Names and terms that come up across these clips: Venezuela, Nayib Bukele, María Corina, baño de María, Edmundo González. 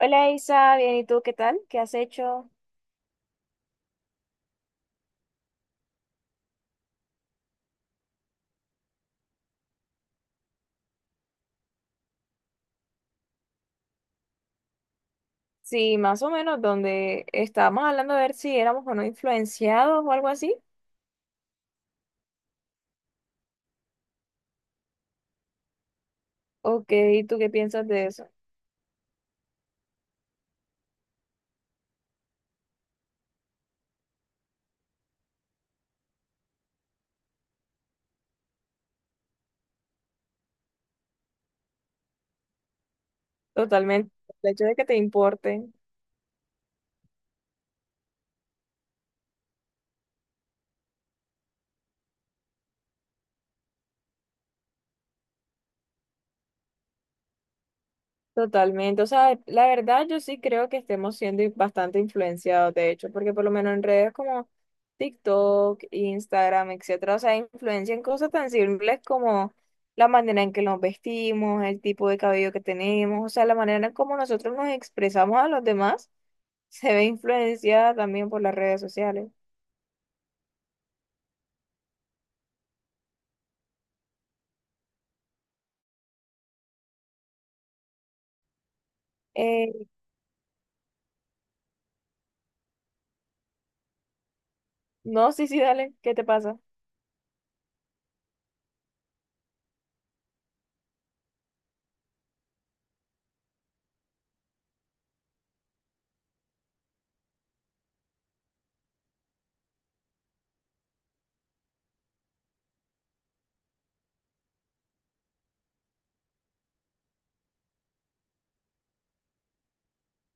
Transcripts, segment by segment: Hola Isa, bien, ¿y tú qué tal? ¿Qué has hecho? Sí, más o menos donde estábamos hablando de ver si éramos o no influenciados o algo así. Ok, ¿y tú qué piensas de eso? Totalmente. El hecho de que te importe. Totalmente, o sea, la verdad yo sí creo que estemos siendo bastante influenciados, de hecho, porque por lo menos en redes como TikTok, Instagram, etcétera, o sea, influencian cosas tan simples como la manera en que nos vestimos, el tipo de cabello que tenemos, o sea, la manera en cómo nosotros nos expresamos a los demás se ve influenciada también por las redes sociales. Eh, no, sí, sí, dale, ¿qué te pasa?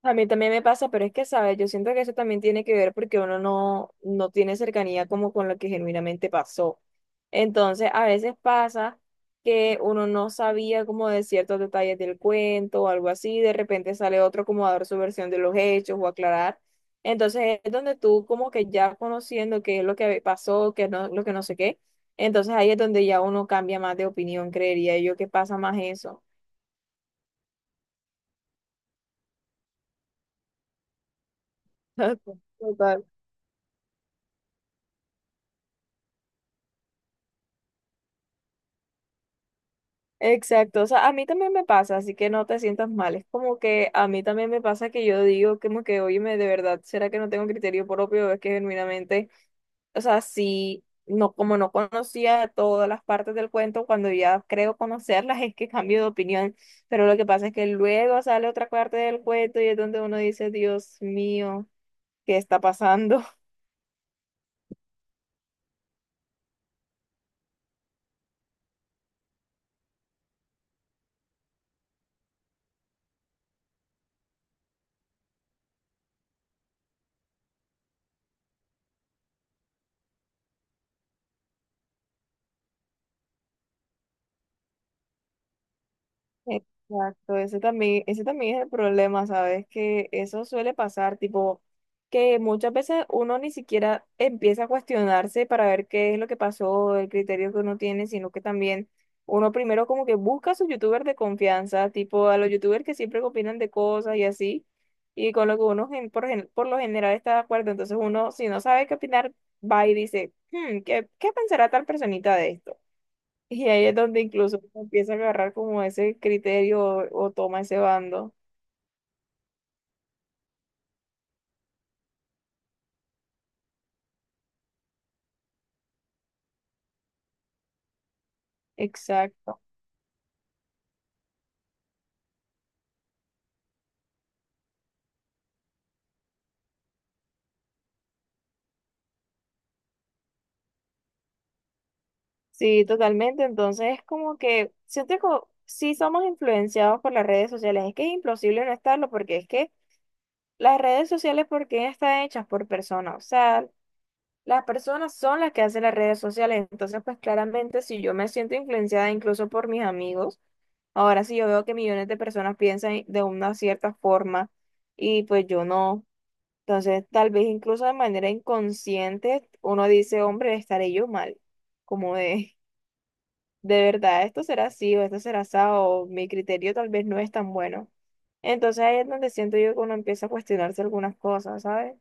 A mí también me pasa, pero es que, ¿sabes? Yo siento que eso también tiene que ver porque uno no, no tiene cercanía como con lo que genuinamente pasó. Entonces, a veces pasa que uno no sabía como de ciertos detalles del cuento o algo así, y de repente sale otro como a dar su versión de los hechos o aclarar. Entonces, es donde tú como que ya conociendo qué es lo que pasó, qué es no- lo que no sé qué, entonces ahí es donde ya uno cambia más de opinión, creería yo que pasa más eso. Total. Exacto, o sea, a mí también me pasa, así que no te sientas mal. Es como que a mí también me pasa que yo digo como que, óyeme, de verdad, ¿será que no tengo criterio propio? Es que genuinamente, o sea, sí, no, como no conocía todas las partes del cuento, cuando ya creo conocerlas es que cambio de opinión, pero lo que pasa es que luego sale otra parte del cuento y es donde uno dice, Dios mío, ¿qué está pasando? Exacto, ese también es el problema, ¿sabes? Que eso suele pasar, tipo, que muchas veces uno ni siquiera empieza a cuestionarse para ver qué es lo que pasó, el criterio que uno tiene, sino que también uno primero como que busca a sus youtubers de confianza, tipo a los youtubers que siempre opinan de cosas y así, y con lo que uno por lo general está de acuerdo. Entonces uno, si no sabe qué opinar, va y dice, "Hmm, ¿qué pensará tal personita de esto? Y ahí es donde incluso uno empieza a agarrar como ese criterio o toma ese bando. Exacto. Sí, totalmente. Entonces es como que siento que sí somos influenciados por las redes sociales. Es que es imposible no estarlo porque es que las redes sociales, ¿por qué están hechas por personas? O sea, las personas son las que hacen las redes sociales. Entonces, pues claramente si yo me siento influenciada incluso por mis amigos, ahora sí yo veo que millones de personas piensan de una cierta forma y pues yo no. Entonces, tal vez incluso de manera inconsciente, uno dice, hombre, estaré yo mal. Como de verdad, esto será así o esto será así, o mi criterio tal vez no es tan bueno. Entonces ahí es donde siento yo que uno empieza a cuestionarse algunas cosas, ¿sabes?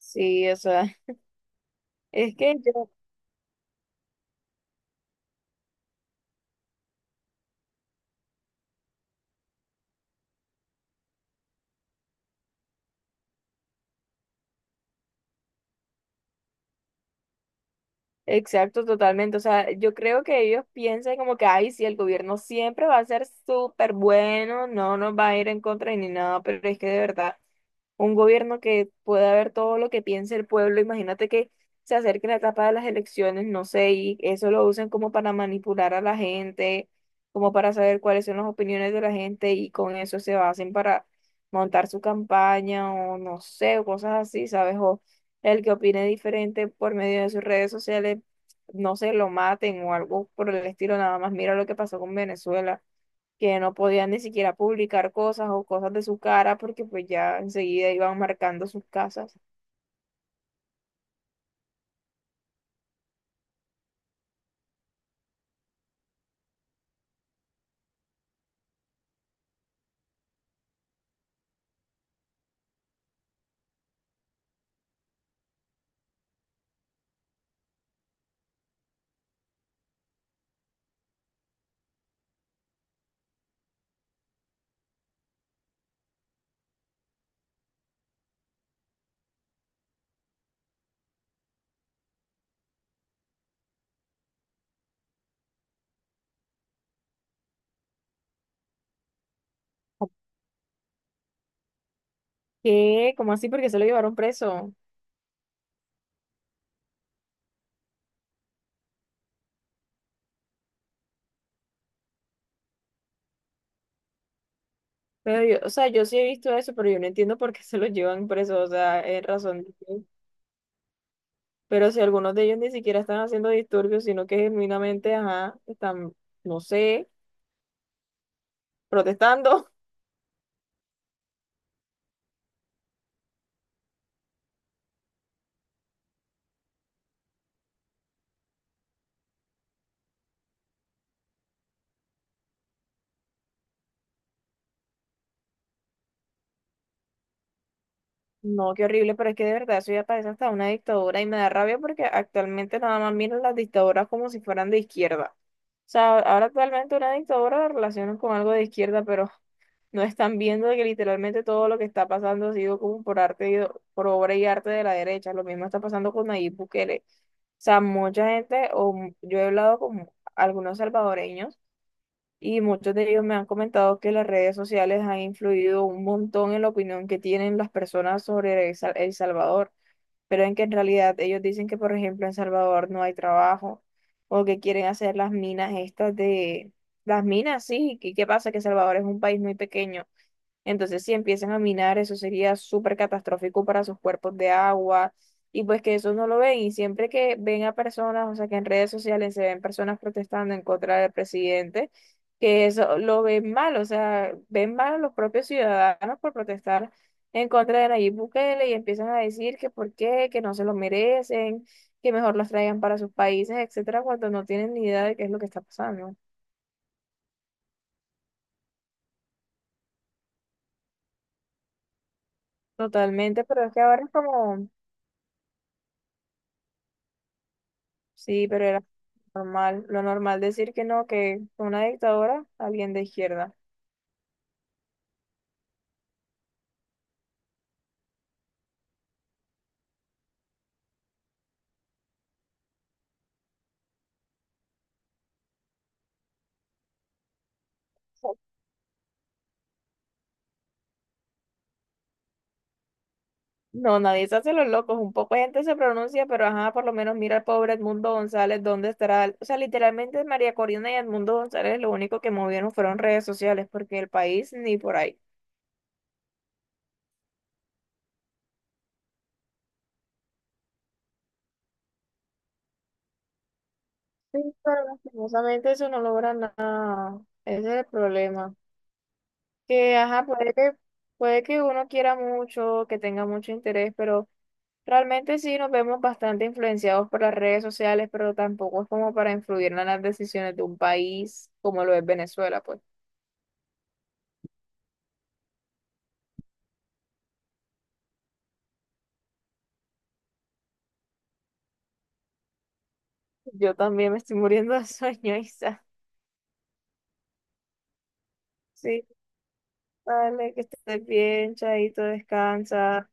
Sí, o sea, es que yo, exacto, totalmente. O sea, yo creo que ellos piensan como que, ay, sí, el gobierno siempre va a ser súper bueno, no nos va a ir en contra ni nada, pero es que de verdad. Un gobierno que pueda ver todo lo que piense el pueblo. Imagínate que se acerque la etapa de las elecciones, no sé, y eso lo usen como para manipular a la gente, como para saber cuáles son las opiniones de la gente y con eso se basen para montar su campaña o no sé, o cosas así, ¿sabes? O el que opine diferente por medio de sus redes sociales, no se lo maten o algo por el estilo, nada más. Mira lo que pasó con Venezuela que no podían ni siquiera publicar cosas o cosas de su cara porque pues ya enseguida iban marcando sus casas. ¿Qué? ¿Cómo así? ¿Porque se lo llevaron preso? Pero yo, o sea, yo sí he visto eso, pero yo no entiendo por qué se lo llevan preso, o sea, ¿es razón de qué? Pero si algunos de ellos ni siquiera están haciendo disturbios, sino que genuinamente, ajá, están, no sé, protestando. No, qué horrible, pero es que de verdad eso ya parece hasta una dictadura y me da rabia porque actualmente nada más miran las dictaduras como si fueran de izquierda. O sea, ahora actualmente una dictadura la relacionan con algo de izquierda, pero no están viendo que literalmente todo lo que está pasando ha sido como por arte y, por obra y arte de la derecha. Lo mismo está pasando con Nayib Bukele. O sea, mucha gente, yo he hablado con algunos salvadoreños y muchos de ellos me han comentado que las redes sociales han influido un montón en la opinión que tienen las personas sobre El Salvador, pero en que en realidad ellos dicen que, por ejemplo, en Salvador no hay trabajo o que quieren hacer las minas estas de... Las minas, sí. ¿Y qué pasa? Que Salvador es un país muy pequeño. Entonces, si empiezan a minar, eso sería súper catastrófico para sus cuerpos de agua y pues que eso no lo ven. Y siempre que ven a personas, o sea, que en redes sociales se ven personas protestando en contra del presidente, que eso lo ven mal, o sea, ven mal a los propios ciudadanos por protestar en contra de Nayib Bukele y empiezan a decir que por qué, que no se lo merecen, que mejor los traigan para sus países, etcétera, cuando no tienen ni idea de qué es lo que está pasando. Totalmente, pero es que ahora es como Sí, pero era normal, lo normal decir que no, que una dictadora, alguien de izquierda. No, nadie se hace los locos, un poco de gente se pronuncia, pero ajá, por lo menos mira al pobre Edmundo González, ¿dónde estará? O sea, literalmente María Corina y Edmundo González lo único que movieron fueron redes sociales, porque el país ni por ahí. Sí, pero lastimosamente eso no logra nada. Ese es el problema. Que, ajá, puede que uno quiera mucho, que tenga mucho interés, pero realmente sí nos vemos bastante influenciados por las redes sociales, pero tampoco es como para influir en las decisiones de un país como lo es Venezuela, pues. Yo también me estoy muriendo de sueño, Isa. Sí, vale, que estés bien, chaito, descansa.